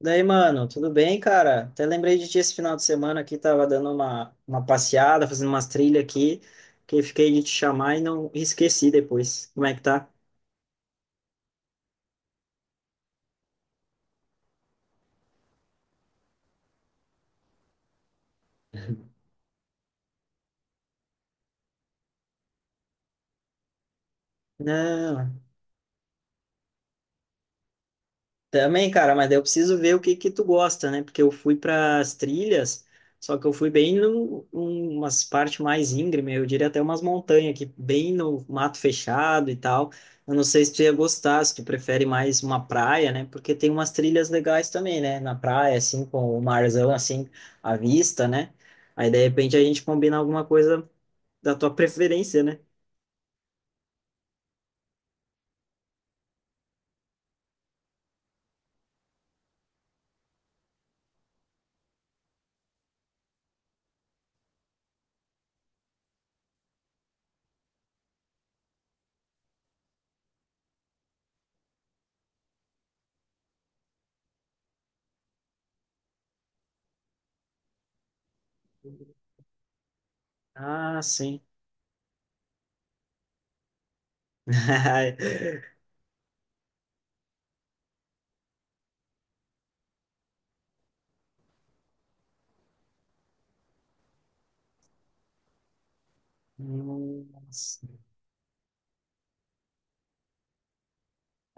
Daí, mano, tudo bem, cara? Até lembrei de ti esse final de semana aqui, tava dando uma passeada, fazendo umas trilhas aqui, que fiquei de te chamar e não e esqueci depois. Como é que tá? Não. Também, cara, mas daí eu preciso ver o que que tu gosta, né? Porque eu fui para as trilhas, só que eu fui bem umas partes mais íngreme, eu diria até umas montanhas aqui, bem no mato fechado e tal. Eu não sei se tu ia gostar, se tu prefere mais uma praia, né? Porque tem umas trilhas legais também, né? Na praia, assim, com o marzão, assim, à vista, né? Aí, de repente, a gente combina alguma coisa da tua preferência, né? Ah, sim. Nossa.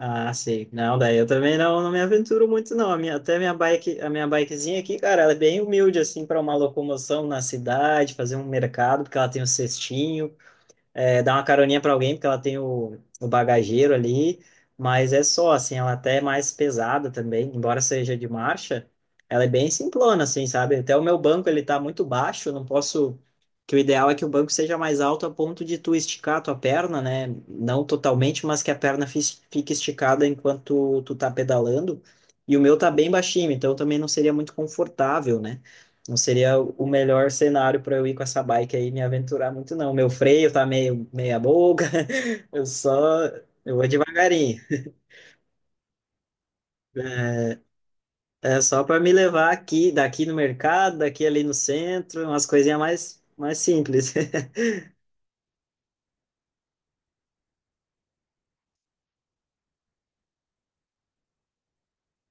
Ah, sei. Não, daí eu também não me aventuro muito, não. A minha, até minha bike, a minha bikezinha aqui, cara, ela é bem humilde, assim, para uma locomoção na cidade, fazer um mercado, porque ela tem um cestinho, é, dar uma caroninha para alguém, porque ela tem o bagageiro ali, mas é só, assim, ela até é mais pesada também, embora seja de marcha, ela é bem simplona, assim, sabe? Até o meu banco, ele tá muito baixo, não posso... Que o ideal é que o banco seja mais alto a ponto de tu esticar a tua perna, né? Não totalmente, mas que a perna fique esticada enquanto tu tá pedalando. E o meu tá bem baixinho, então também não seria muito confortável, né? Não seria o melhor cenário para eu ir com essa bike aí e me aventurar muito, não. Meu freio tá meio meia boca. eu só eu vou devagarinho. É, é só para me levar aqui, daqui no mercado, daqui ali no centro, umas coisinhas mais simples.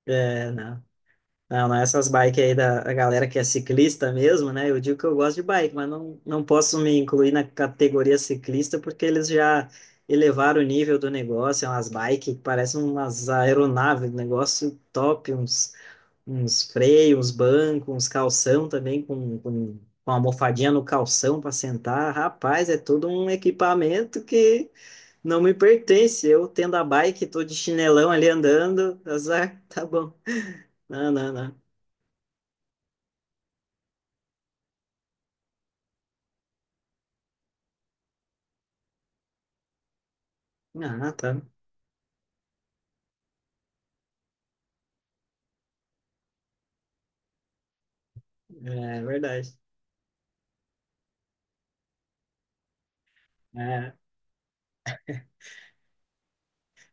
É, não. Não, não é essas bikes aí da galera que é ciclista mesmo, né? Eu digo que eu gosto de bike, mas não, não posso me incluir na categoria ciclista porque eles já elevaram o nível do negócio. É umas bikes que parecem umas aeronaves, um negócio top, uns, uns freios, uns bancos, uns calção também com almofadinha no calção para sentar. Rapaz, é todo um equipamento que não me pertence. Eu tendo a bike, tô de chinelão ali andando. Azar, tá bom. Não, não, não. Ah, tá. É verdade. É.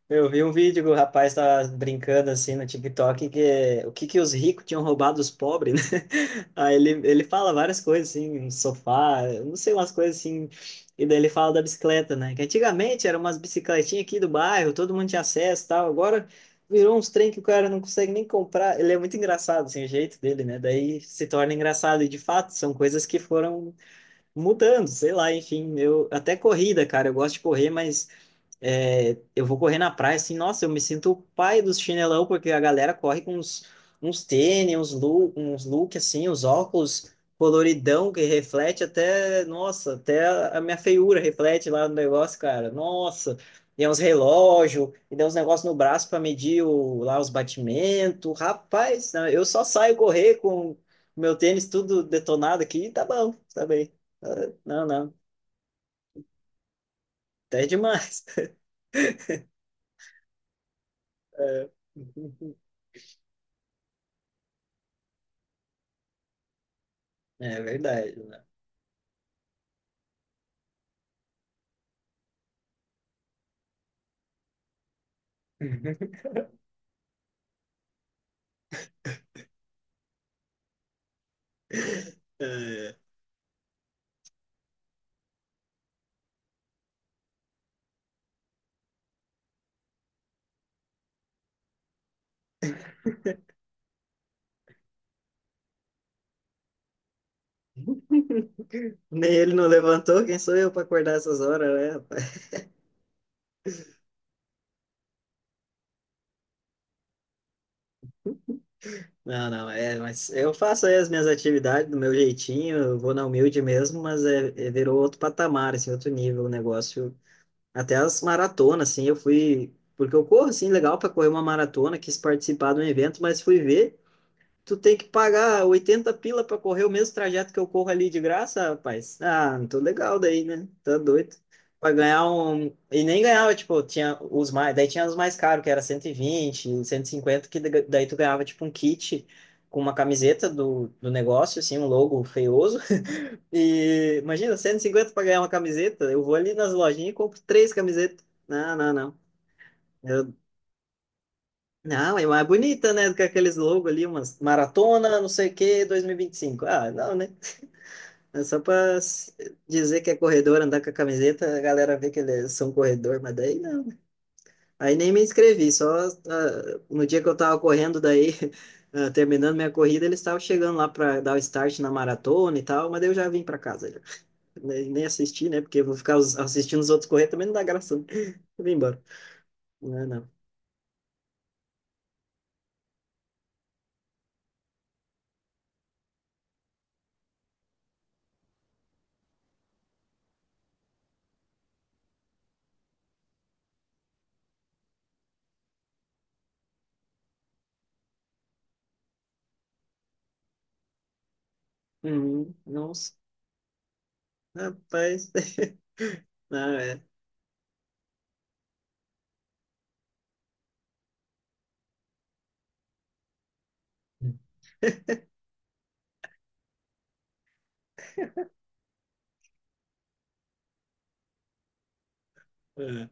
Eu vi um vídeo que o rapaz tava brincando assim no TikTok que o que que os ricos tinham roubado dos pobres, né? Aí ele fala várias coisas assim, um sofá, eu não sei, umas coisas assim. E daí ele fala da bicicleta, né? Que antigamente eram umas bicicletinhas aqui do bairro, todo mundo tinha acesso e tal. Agora virou uns trem que o cara não consegue nem comprar. Ele é muito engraçado, assim, o jeito dele, né? Daí se torna engraçado. E de fato, são coisas que foram mudando, sei lá, enfim, eu até corrida, cara, eu gosto de correr, mas é, eu vou correr na praia assim, nossa, eu me sinto o pai dos chinelão, porque a galera corre com uns, uns tênis, uns look assim, os óculos coloridão que reflete até, nossa, até a minha feiura reflete lá no negócio, cara. Nossa, e é uns relógio, e dá uns negócios no braço para medir lá os batimentos. Rapaz, né, eu só saio correr com meu tênis tudo detonado aqui, tá bom, tá bem. Ah, não, não, até demais. É. É verdade, né? É. Nem ele não levantou, quem sou eu para acordar essas horas, né, rapaz? Não, não, é, mas eu faço aí as minhas atividades do meu jeitinho, eu vou na humilde mesmo, mas virou outro patamar, assim, outro nível o negócio. Até as maratonas, assim, eu fui. Porque eu corro, assim, legal para correr uma maratona, quis participar de um evento, mas fui ver. Tu tem que pagar 80 pila pra correr o mesmo trajeto que eu corro ali de graça, rapaz. Ah, não tô legal daí, né? Tá doido. Pra ganhar um. E nem ganhava, tipo, tinha os mais. Daí tinha os mais caros, que era 120, 150, que daí tu ganhava, tipo, um kit com uma camiseta do negócio, assim, um logo feioso. E imagina, 150 pra ganhar uma camiseta. Eu vou ali nas lojinhas e compro três camisetas. Não, não, não. Eu não, é mais bonita, né? Do que aqueles logos ali, umas maratona, não sei o que, 2025. Ah, não, né? É só dizer que é corredor, andar com a camiseta, a galera vê que eles são corredor, mas daí não. Aí nem me inscrevi, só ah, no dia que eu tava correndo, daí, ah, terminando minha corrida, eles estavam chegando lá pra dar o start na maratona e tal, mas daí eu já vim pra casa, já. Nem assisti, né? Porque eu vou ficar assistindo os outros correr também não dá graça, né? Eu vim embora. Não, é, não. Uhum, nossa. Rapaz, não, é. É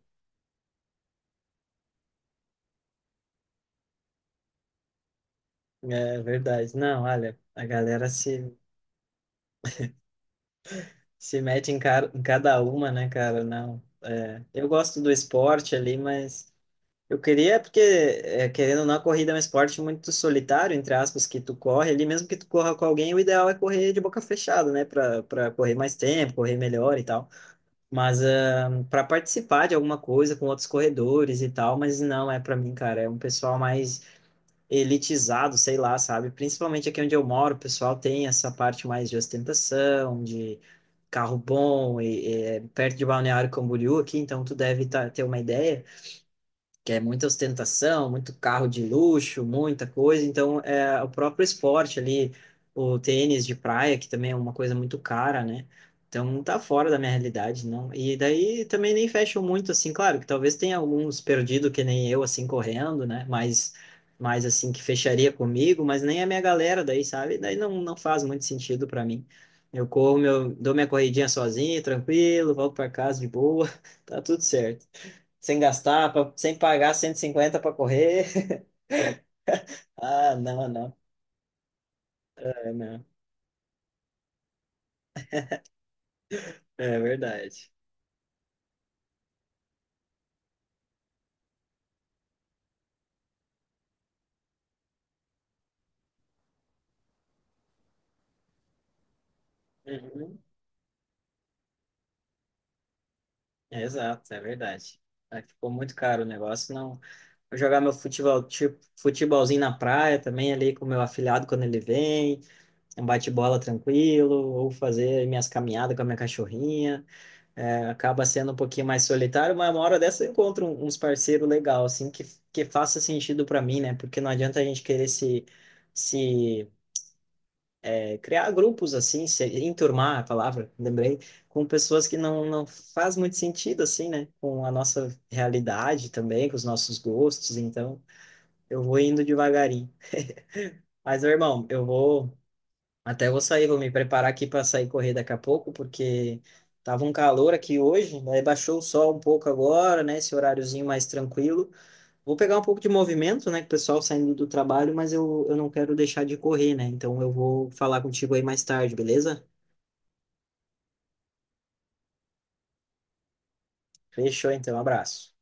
É verdade. Não, olha, a galera se, se mete em, cara, em cada uma, né, cara? Não, é, eu gosto do esporte ali, mas eu queria, porque, é, querendo ou não, a corrida é um esporte muito solitário, entre aspas, que tu corre ali, mesmo que tu corra com alguém, o ideal é correr de boca fechada, né, para correr mais tempo, correr melhor e tal. Mas para participar de alguma coisa com outros corredores e tal, mas não é para mim, cara. É um pessoal mais elitizado, sei lá, sabe? Principalmente aqui onde eu moro, o pessoal tem essa parte mais de ostentação, de carro bom, e é perto de Balneário Camboriú aqui, então tu deve ter uma ideia que é muita ostentação, muito carro de luxo, muita coisa. Então, é, o próprio esporte ali, o tênis de praia, que também é uma coisa muito cara, né? Então, tá fora da minha realidade, não. E daí também nem fecham muito, assim, claro, que talvez tenha alguns perdido que nem eu, assim, correndo, né? Mas assim, que fecharia comigo, mas nem a minha galera daí, sabe? Daí não, não faz muito sentido para mim. Eu corro, meu, dou minha corridinha sozinho, tranquilo, volto para casa de boa. Tá tudo certo sem gastar, sem pagar 150 para correr. Ah, não, não, é, não. É verdade. Uhum. É, exato, é verdade. Aí ficou muito caro o negócio, não. Vou jogar meu futebol, tipo, futebolzinho na praia também ali com o meu afilhado quando ele vem. É um bate-bola tranquilo, ou fazer minhas caminhadas com a minha cachorrinha. É, acaba sendo um pouquinho mais solitário, mas uma hora dessa eu encontro uns parceiros legal assim que faça sentido para mim, né? Porque não adianta a gente querer se criar grupos assim, se enturmar a palavra, lembrei, com pessoas que não, não faz muito sentido assim, né? Com a nossa realidade também, com os nossos gostos, então eu vou indo devagarinho. Mas, meu irmão, eu vou até vou sair, vou me preparar aqui para sair correr daqui a pouco, porque tava um calor aqui hoje, daí baixou o sol um pouco agora, né? Esse horáriozinho mais tranquilo. Vou pegar um pouco de movimento, né? Com o pessoal saindo do trabalho, mas eu não quero deixar de correr, né? Então eu vou falar contigo aí mais tarde, beleza? Fechou, então. Um abraço.